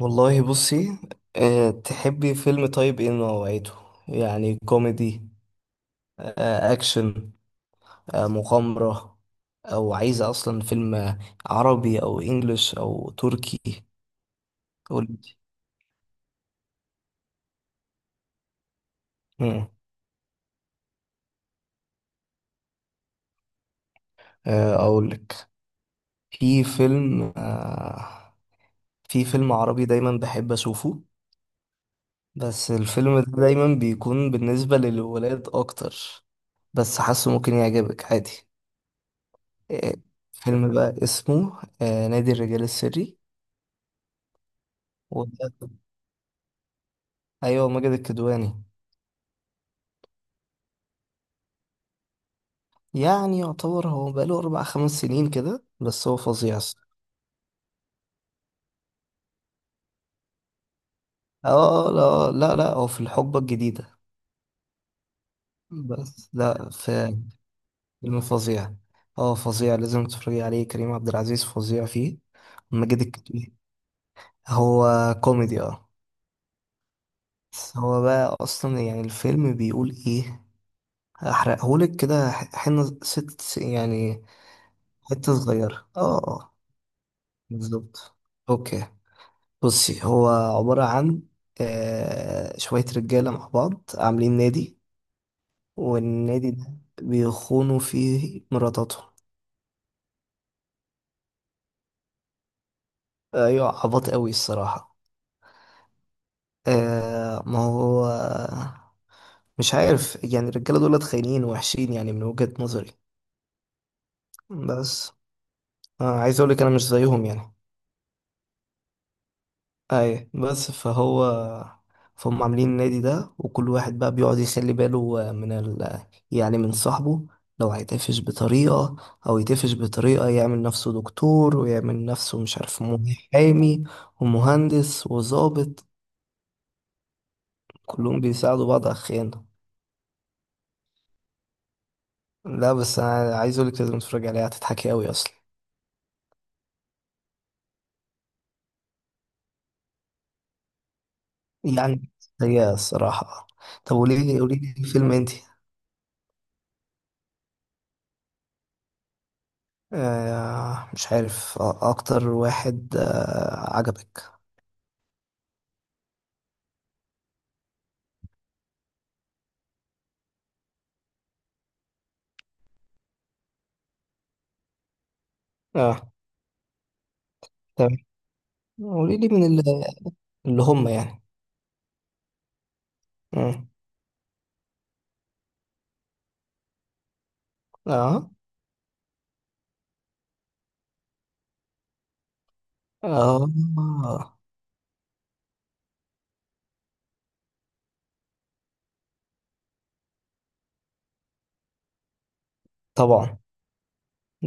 والله بصي، تحبي فيلم، طيب ايه نوعيته؟ يعني كوميدي، اكشن، مغامرة، او عايزة اصلا فيلم عربي او انجليش او تركي؟ قولي. مم. اقولك، في فيلم أه في فيلم عربي دايما بحب اشوفه، بس الفيلم ده دايما بيكون بالنسبة للولاد اكتر، بس حاسه ممكن يعجبك عادي. أه فيلم بقى اسمه نادي الرجال السري. و... ايوه، ماجد الكدواني. يعني يعتبر، هو بقاله 4 5 سنين كده، بس هو فظيع الصراحة. اه، لا لا لا، هو في الحقبة الجديدة. بس لا، في فيلم فظيع، اه فظيع، لازم تتفرجي عليه، كريم عبد العزيز فظيع فيه، ماجد الكدواني، هو كوميدي، اه. بس هو بقى اصلا يعني الفيلم بيقول ايه، هحرقهولك كده، حنة ست يعني، حتة صغيرة، اه اه، بالظبط. اوكي، بصي، هو عبارة عن شوية رجالة مع بعض عاملين نادي، والنادي ده بيخونوا فيه مراتاتهم. أيوة، عبط قوي الصراحة. ما هو مش عارف، يعني الرجالة دول خاينين وحشين يعني من وجهة نظري. بس عايز أقولك أنا مش زيهم يعني. اي، بس فهم عاملين النادي ده، وكل واحد بقى بيقعد يخلي باله من يعني من صاحبه، لو هيتقفش بطريقة، او يتقفش بطريقة يعمل نفسه دكتور، ويعمل نفسه مش عارف محامي ومهندس وظابط. كلهم بيساعدوا بعض على الخيانة. لا، بس انا عايز اقولك لازم تتفرج عليها، هتضحكي قوي اصلا يعني، هي الصراحة. طب، قولي لي، قولي لي فيلم انتي. مش عارف، اكتر واحد عجبك. اه، تمام، قولي لي من اللي هم يعني. مم. اه اه، طبعا.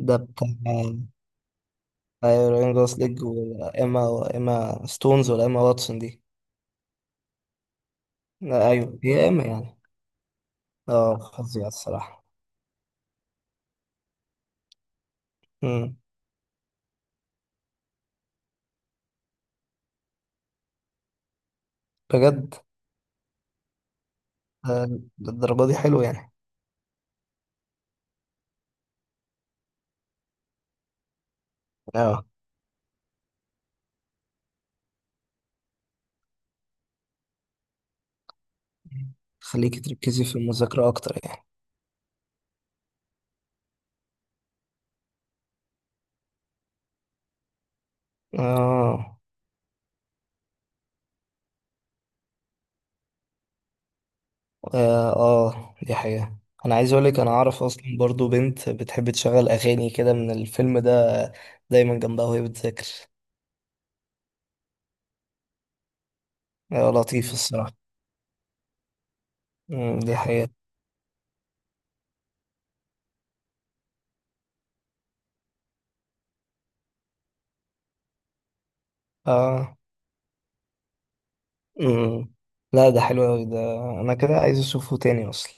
ده بتاع راين جوسلينج، وايما وايما ستونز، ولا ايما واتسون دي؟ لا، ايوه، هي ايما يعني، اه فظيعة الصراحة. مم. بجد؟ آه، للدرجة دي حلو يعني؟ اه، خليكي تركزي في المذاكرة اكتر يعني. اه اه، دي حقيقة. انا عايز اقولك انا اعرف اصلا برضو بنت بتحب تشغل اغاني كده من الفيلم ده، دايما جنبها وهي بتذاكر. لطيف الصراحة. مم، دي حقيقة. اه، مم. لا، ده حلو اوي ده، انا كده عايز اشوفه تاني اصلا.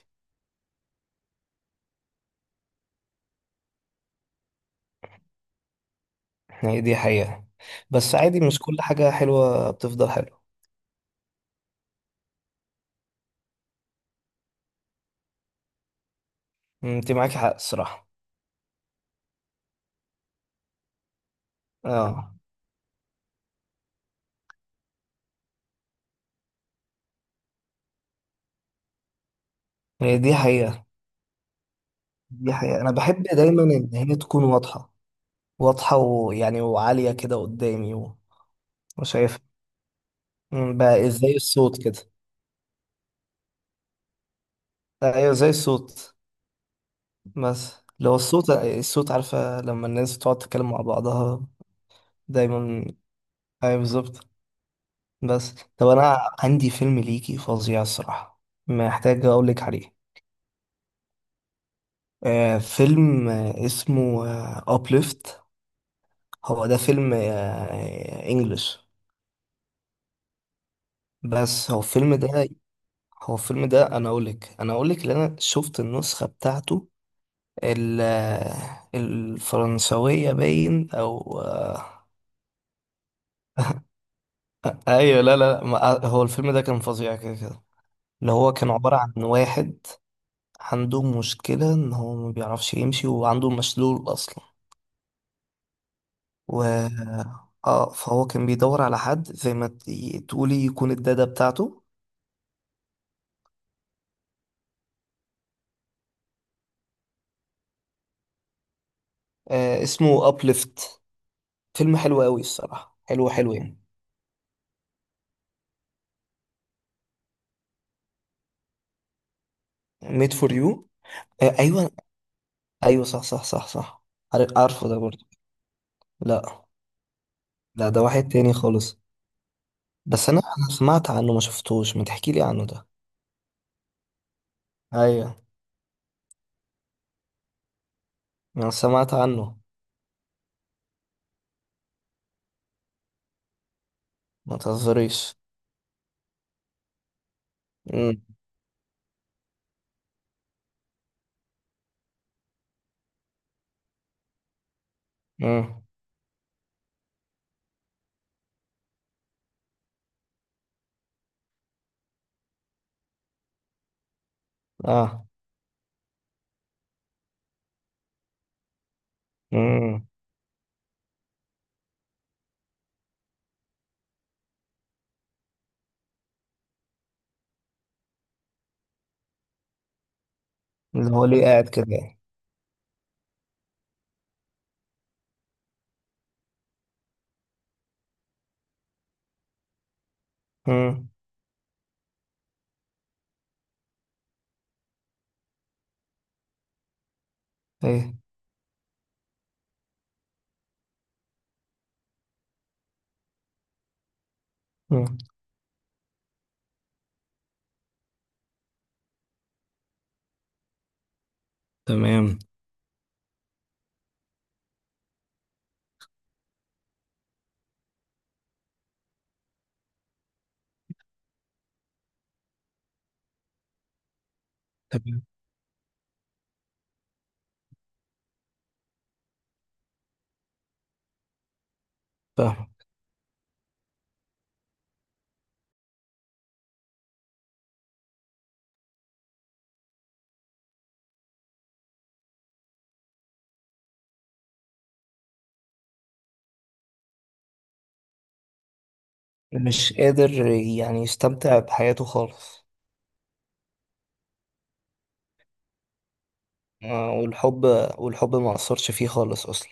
يعني دي حقيقة، بس عادي مش كل حاجة حلوة بتفضل حلوة. مم، انت معاكي حق الصراحة. اه، هي دي حقيقة، دي حقيقة. انا بحب دايما ان هي تكون واضحة واضحة، ويعني وعالية كده قدامي، وشايفها. مم. بقى إيه، زي الصوت كده. ايوه، زي الصوت. بس لو الصوت عارفة لما الناس تقعد تتكلم مع بعضها دايما. ايوه بالظبط. بس طب انا عندي فيلم ليكي فظيع الصراحة، محتاج اقولك عليه. فيلم اسمه ابليفت. هو ده فيلم انجلش، بس هو الفيلم ده، انا اقولك ان انا شفت النسخة بتاعته، ال الفرنسوية باين، أو. أيوة لا لا لا، هو الفيلم ده كان فظيع كده كده. اللي هو كان عبارة عن واحد عنده مشكلة إن هو ما بيعرفش يمشي، وعنده مشلول أصلا. و اه فهو كان بيدور على حد، زي ما تقولي يكون الدادا بتاعته. اسمه أبليفت. فيلم حلو قوي الصراحة، حلو حلو يعني. ميد فور يو؟ آه أيوة، أيوة صح صح صح صح، عارفه ده برضه. لا، لا ده واحد تاني خالص. بس انا سمعت عنه، ما شفتوش، ما تحكي لي عنه ده. ايوه، انا سمعت عنه. ما تهزريش. امم، امم، اه، امم، اللي هو ليه قاعد كده يعني؟ امم، ايه؟ امم، تمام، تمام، فاهم. مش قادر يعني يستمتع بحياته خالص. والحب، ما اثرش فيه خالص اصلا.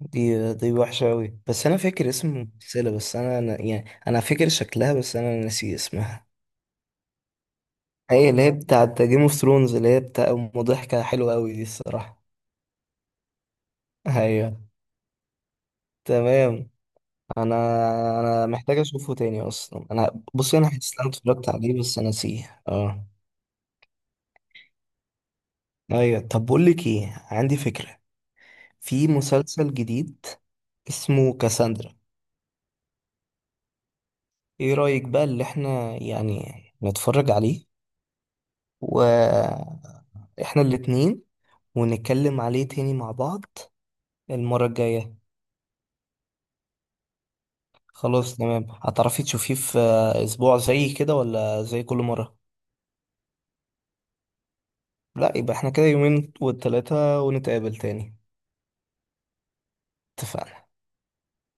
دي وحشة أوي. بس أنا فاكر اسم الممثلة، بس أنا يعني أنا فاكر شكلها، بس أنا ناسي اسمها. هي اللي هي بتاعت جيم اوف ثرونز، اللي هي بتاع، ضحكة حلوة أوي دي الصراحة. أيوة، تمام. أنا أنا محتاج أشوفه تاني أصلا. أنا، بصي، أنا حاسس إن أنا اتفرجت عليه بس أنا نسيه، أه. أيوة، طب، بقول لك إيه، عندي فكرة. في مسلسل جديد اسمه كاساندرا. إيه رأيك بقى اللي إحنا يعني نتفرج عليه، و إحنا الاتنين، ونتكلم عليه تاني مع بعض المرة الجاية؟ خلاص، تمام. هتعرفي تشوفيه في اسبوع زي كده، ولا زي كل مرة؟ لا، يبقى احنا كده يومين والتلاتة، ونتقابل تاني. اتفقنا.